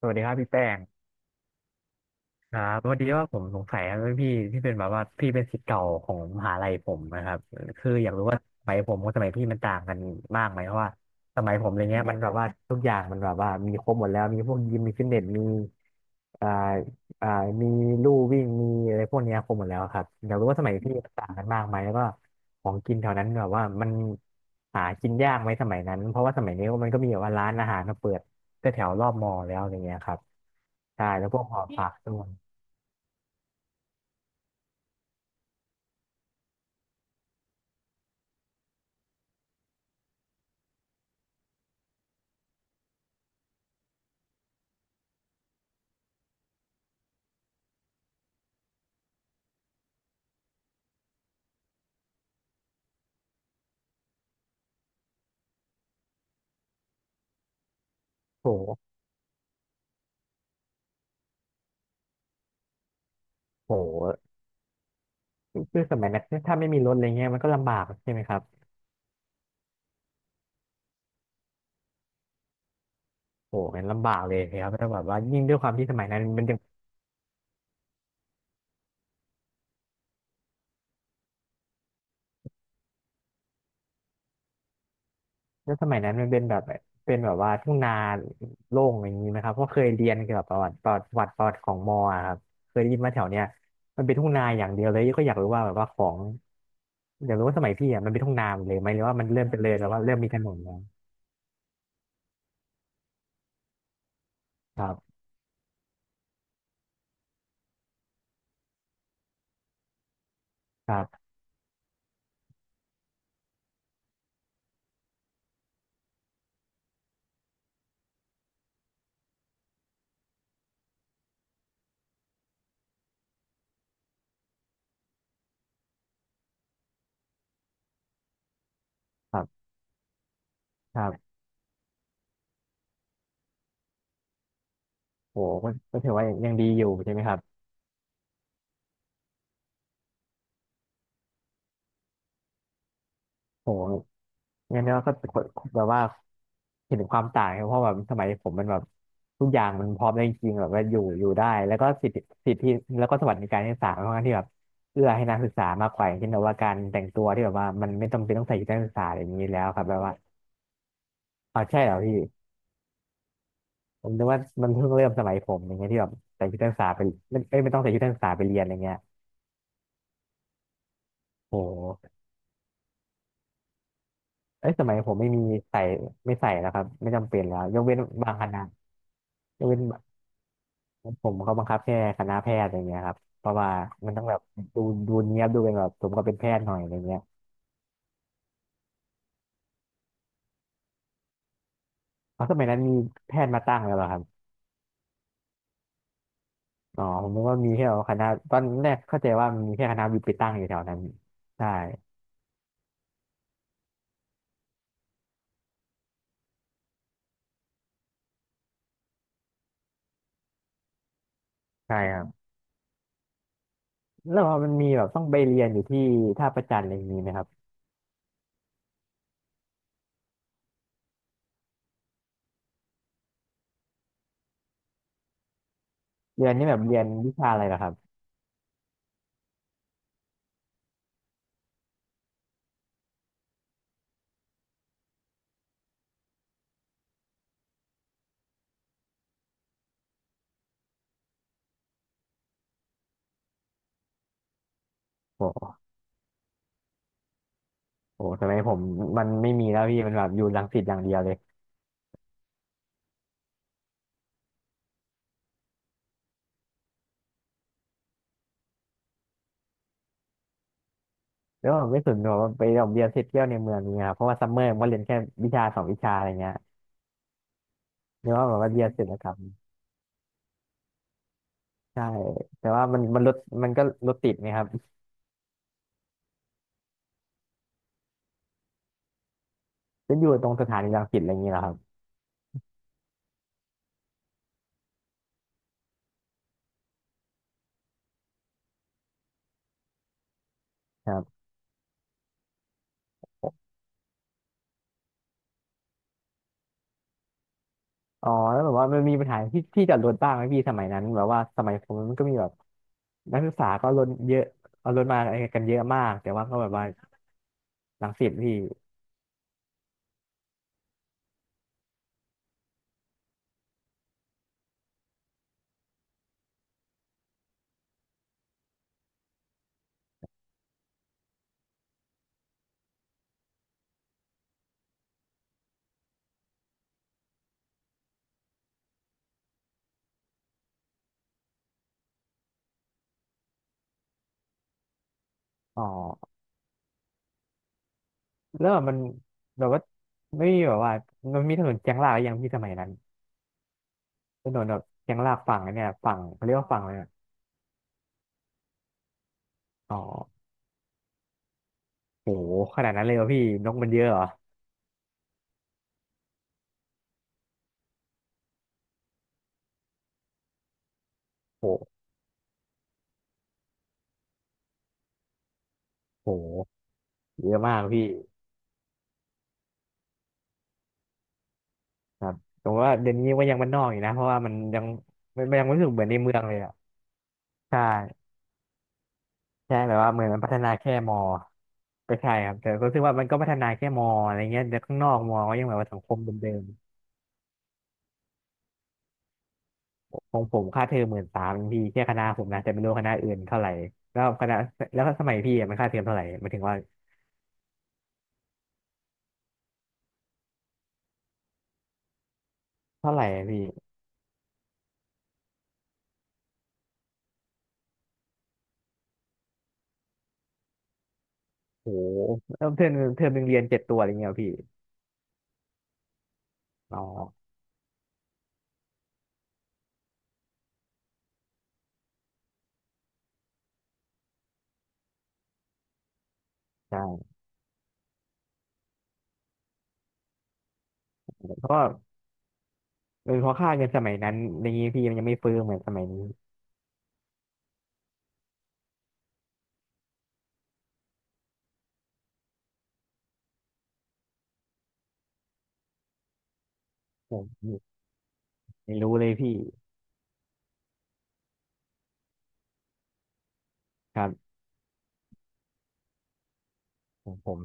สวัสดีครับพี่แป้ง ครับพอดีว่าผมสงสัยครับพี่ที่เป็นแบบว่าพี่เป็นศิษย์เก่าของมหาลัยผมนะครับคืออยากรู้ว่าสมัยผมกับสมัยพี่มันต่างกันมากไหมเพราะว่าสมัยผมอะไรเงี้ยมันแบบว่าทุกอย่างมันแบบว่ามีครบหมดแล้วมีพวกยิมมีฟิตเนสมีอ่าอ่ามีลู่วิ่งมีอะไรพวกเนี้ยครบหมดแล้วครับอยากรู้ว่าสมัยพี่มันต่างกันมากไหมแล้วก็ของกินแถวนั้นแบบว่ามันหากินยากไหมสมัยนั้นเพราะว่าสมัยนี้มันก็มีแบบว่าร้านอาหารมาเปิดแถวๆรอบมอแล้วอะไรเงี้ยครับใช่แล้วพวกหอผักด้วย โหโหคือสมัยนั้นถ้าไม่มีรถอะไรเงี้ยมันก็ลำบากใช่ไหมครับโหมันลำบากเลยครับถ้าแบบว่ายิ่งด้วยความที่สมัยนั้นมันยังแล้วสมัยนั้นมันเป็นแบบเป็นแบบว่าทุ่งนาโล่งอย่างนี้ไหมครับเพราะเคยเรียนเกี่ยวกับประวัติของมออะครับเคยได้ยินมาแถวเนี้ยมันเป็นทุ่งนาอย่างเดียวเลยก็อยากรู้ว่าแบบว่าของอยากรู้ว่าสมัยพี่อ่ะมันเป็นทุ่งนาหมดเลยไหมหรือว่ามันเริ่มเป็นเลยแล้วว่าเริ่มมีถนนแล้วครับครับครับครับโหก็ก็ถือว่ายังดีอยู่ใช่ไหมครับ โหงั้นเราก็แบบว่าเห็นถึงความต่างครับเพราะแบบสมัยผมมันแบบทุกอย่างมันพร้อมได้จริงๆแบบว่าอยู่ได้แล้วก็สิทธิแล้วก็สวัสดิการที่ศาลค่อนข้างที่แบบเอื้อให้นักศึกษามากกว่าอย่างเช่นแบบว่าการแต่งตัวที่แบบว่ามันไม่จำเป็นต้องใส่ชุดนักศึกษาอะไรอย่างนี้แล้วครับแบบว่าอ๋อใช่เหรอพี่ผมนึกว่ามันเพิ่งเริ่มสมัยผมอย่างเงี้ยที่แบบใส่ชุดนักศึกษาไปไม่เอ้ยไม่ต้องใส่ชุดนักศึกษาไปเรียนอะไรเงี้ยโหเอ้ยสมัยผมไม่มีใส่ไม่ใส่แล้วครับไม่จำเป็นแล้วยกเว้นบางคณะยกเว้น ผมเขาบังคับแค่คณะแพทย์อะไรเงี้ยครับเพราะว่ามันต้องแบบดูดูเนียบดูเป็นแบบสมกับเป็นแพทย์หน่อยอะไรเงี้ยเพราะสมัยนั้นมีแพทย์มาตั้งแล้วเหรอครับอ๋อผมนึกว่ามีแค่คณะตอนแรกเข้าใจว่ามีแค่คณะวิทย์ไปตั้งอยู่แถวนั้นใช่ใช่ครับแล้วพอมันมีแบบต้องไปเรียนอยู่ที่ท่าประจันอะไรอย่างนี้ไหมครับเรียนนี่แบบเรียนวิชาอะไรเหรอครับโอ้โหสมัยผมมันไม่มีแล้วพี่มันแบบอยู่รังสิตอย่างเดียวเลยแล้วผมไม่สนหรอกว่าไปโรงเรียนเสร็จเที่ยวในเมืองนี้ครับเพราะว่าซัมเมอร์ผมก็เรียนแค่วิชาสองวิชาอะไรเงี้ย เรียกว่าแบบว่าเรียนศิลปกรรมใช่แต่ว่ามันรถมันก็รถติดไงครับจะอยู่ตรงสถานีรังสิตอะไรอย่างเงี้ยเหรอครับครับอ๋อแล้วแบบว่ามันมีปัญหาที่จอดรถบ้างไหมพี่สมัยนั้นแบบว่าสมัยผมมันก็มีแบบนักศึกษาก็รถเยอะเอารถมากันเยอะมากแต่ว่าก็แบบว่ารังสิตพี่อ๋อแล้วแบบมันแบบว่าไม่มีแบบว่ามันมีถนนเชียงรากหรือยังพี่สมัยนั้นถนนแบบเชียงรากฝั่งอันเนี่ยฝั่งเขาเรียกว่าฝั่งอะไรอะอ๋อโหขนาดนั้นเลยวะพี่นกมันเยอะเหรอโหโห เยอะมากพี่ครับผมว่าเดี๋ยวนี้ก็ยังบ้านนอกอยู่นะเพราะว่ามันยังมันมันยังไม่รู้สึกเหมือนในเมืองเลยอ่ะใช่ใช่แบบว่าเหมือนมันพัฒนาแค่มอก็ใช่ครับแต่ก็รู้สึกว่ามันก็พัฒนาแค่มออะไรเงี้ยแต่ข้างนอกมอก็ยังแบบว่าสังคมเดิมๆของผมค่าเทอมหมื่นสามพี่แค่คณะผมนะแต่ไม่รู้คณะอื่นเท่าไหร่แล้วคณะแล้วสมัยพี่อะมันค่าเทอมเท่าไหร่หมายถึงว่าเท่าไหร่อะพี่โอ้โหเริ่มเทอมหนึ่งเรียนเจ็ดตัวอะไรเงี้ยเหรอพี่อ๋อใช่เพราะว่าเออเพราะค่าเงินสมัยนั้นอย่างนี้พี่มันยังไม่เฟ้อเหมือนสมัยนี้ ผมไม่รู้เลยพี่ครับผม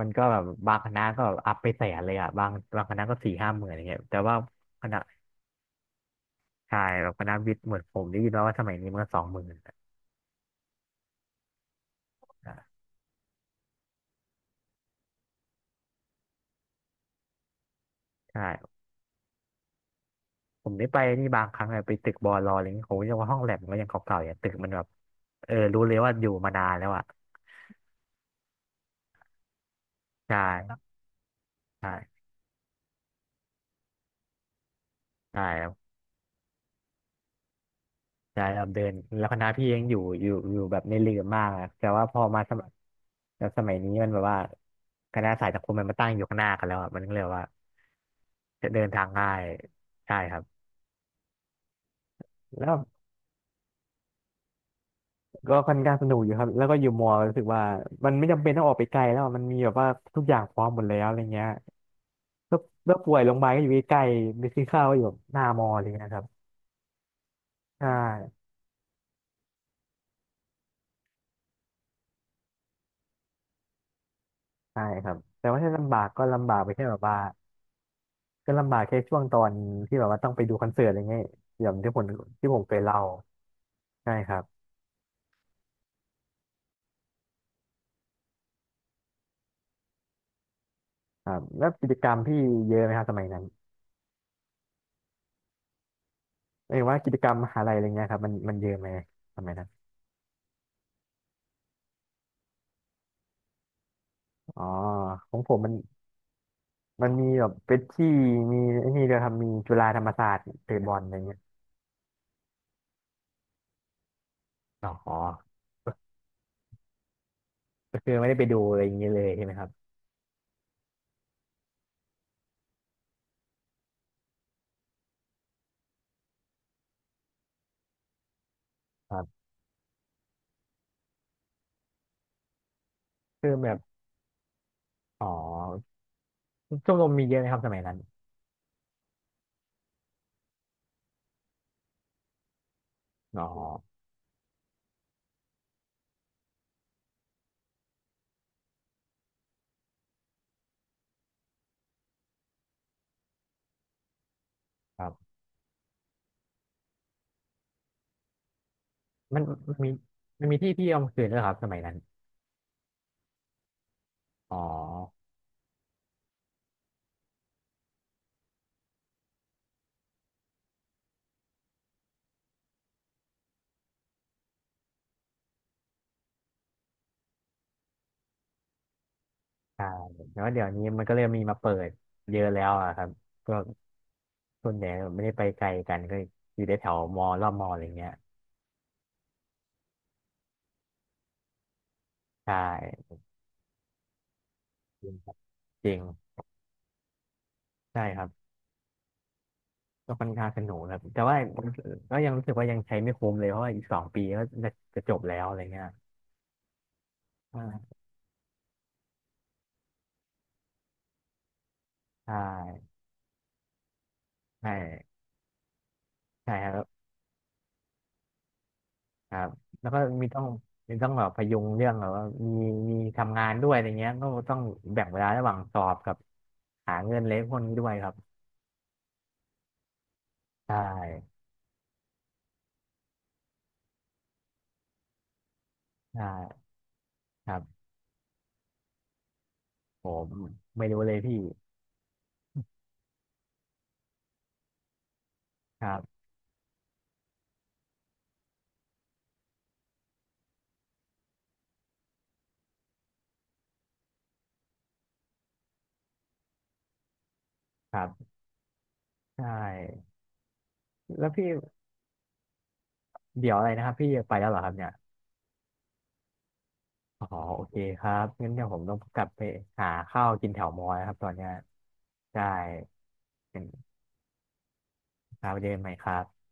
มันก็แบบบางคณะก็อัพไปแสนเลยอ่ะบางคณะก็สี่ห้าหมื่นอะไรเงี้ยแต่ว่าคณะใช่แบบคณะวิทย์เหมือนผมได้ยินมาว่าสมัยนี้มันก็สองหมื่นอ่าใช่ผมได้ไปนี่บางครั้งอะไปตึกบอลออะไรเงี้ยโหยังว่าห้องแลบมันก็ยังเก่าๆอย่างตึกมันแบบเออรู้เลยว่าอยู่มานานแล้วอ่ะใช่ใช่ใช่ ใช่ครับเดินแล้วคณะพี่ยังอยู่แบบในเรือมากอะแต่ว่าพอมาสมัครแล้วสมัยนี้มันแบบว่าคณะสายสังคมมันมาตั้งอยู่ข้างหน้ากันแล้วอะมันก็เลยว่าจะเดินทางง่ายใช่ครับแล้วก็ค่อนข้างสนุกอยู่ครับแล้วก็อยู่มอรู้สึกว่ามันไม่จำเป็นต้องออกไปไกลแล้วอะมันมีแบบว่าทุกอย่างพร้อมหมดแล้วอะไรเงี้ยแล้วแล้วป่วยโรงพยาบาลก็อยู่ใกล้ๆไปซื้อข้าวก็อยู่แบบหน้ามออะไรเงี้ยครับใช่ใช่ครับแต่ว่าถ้าลำบากก็ลำบากไปแค่แบบว่า ก็ลำบากแค่ช่วงตอนที่แบบว่าต้องไปดูคอนเสิร์ตอะไรเงี้ยอย่างที่ผมเคยเล่าใช่ครับครับแล้วกิจกรรมพี่เยอะไหมครับสมัยนั้นไม่ว่ากิจกรรมมหาลัยอะไรเงี้ยครับมันเยอะไหมสมัยนั้นอ๋อของผมมันมีแบบเป็ดที่มีไอ้นี่เดียวครับมีจุฬาธรรมศาสตร์เตะบอลอะไรเงี้ยอ๋อก็คือไม่ได้ไปดูอะไรอย่างเงี้ยเลยใช่ไหมครับครับคือแบบอ๋อชมรมมีเยอะไหมครับสมัยนั้นอ๋อครับมันมีมันมีที่เที่ยวกลางคืนด้วยครับสมัยนั้นอ๋อ ใช่แล้วเดี๋ยวนี้มันก็เริ่มมีมาเปิดเยอะแล้วอะครับก็กส่วนใหญ่ไม่ได้ไปไกลกันก็อยู่ในแถวมอรอบมออะไรเงี้ยใช่จริงครับจริงใช่ครับก็ค่อนข้างสนุกครับแต่ว่าก็ยังรู้สึกว่ายังใช้ไม่คุ้มเลยเพราะว่าอีกสองปีก็จะจบแล้วอะไรเงี้ยอ่าใช่ใช่ใช่ครับครับแล้วก็มีต้องแบบพยุงเรื่องแบบว่ามีมีทำงานด้วยอะไรเงี้ยก็ต้องแบ่งเวลาระหว่างสอบกับหาเงินเลี้ยงคนนี้ด้วยครับใช่ใช่ ครับผมไม่รู้เลยพี่ครับครับใช่แล้วพี่เดี๋ยวอะไรนะครับพี่ไปแล้วเหรอครับเนี่ยอ๋อโอเคครับงั้นเดี๋ยวผมต้องกลับไปหาข้าวกินแถวมอแล้วครับตอนเนี้ยได้เป็นครับไปเจอกันใหม่ครับ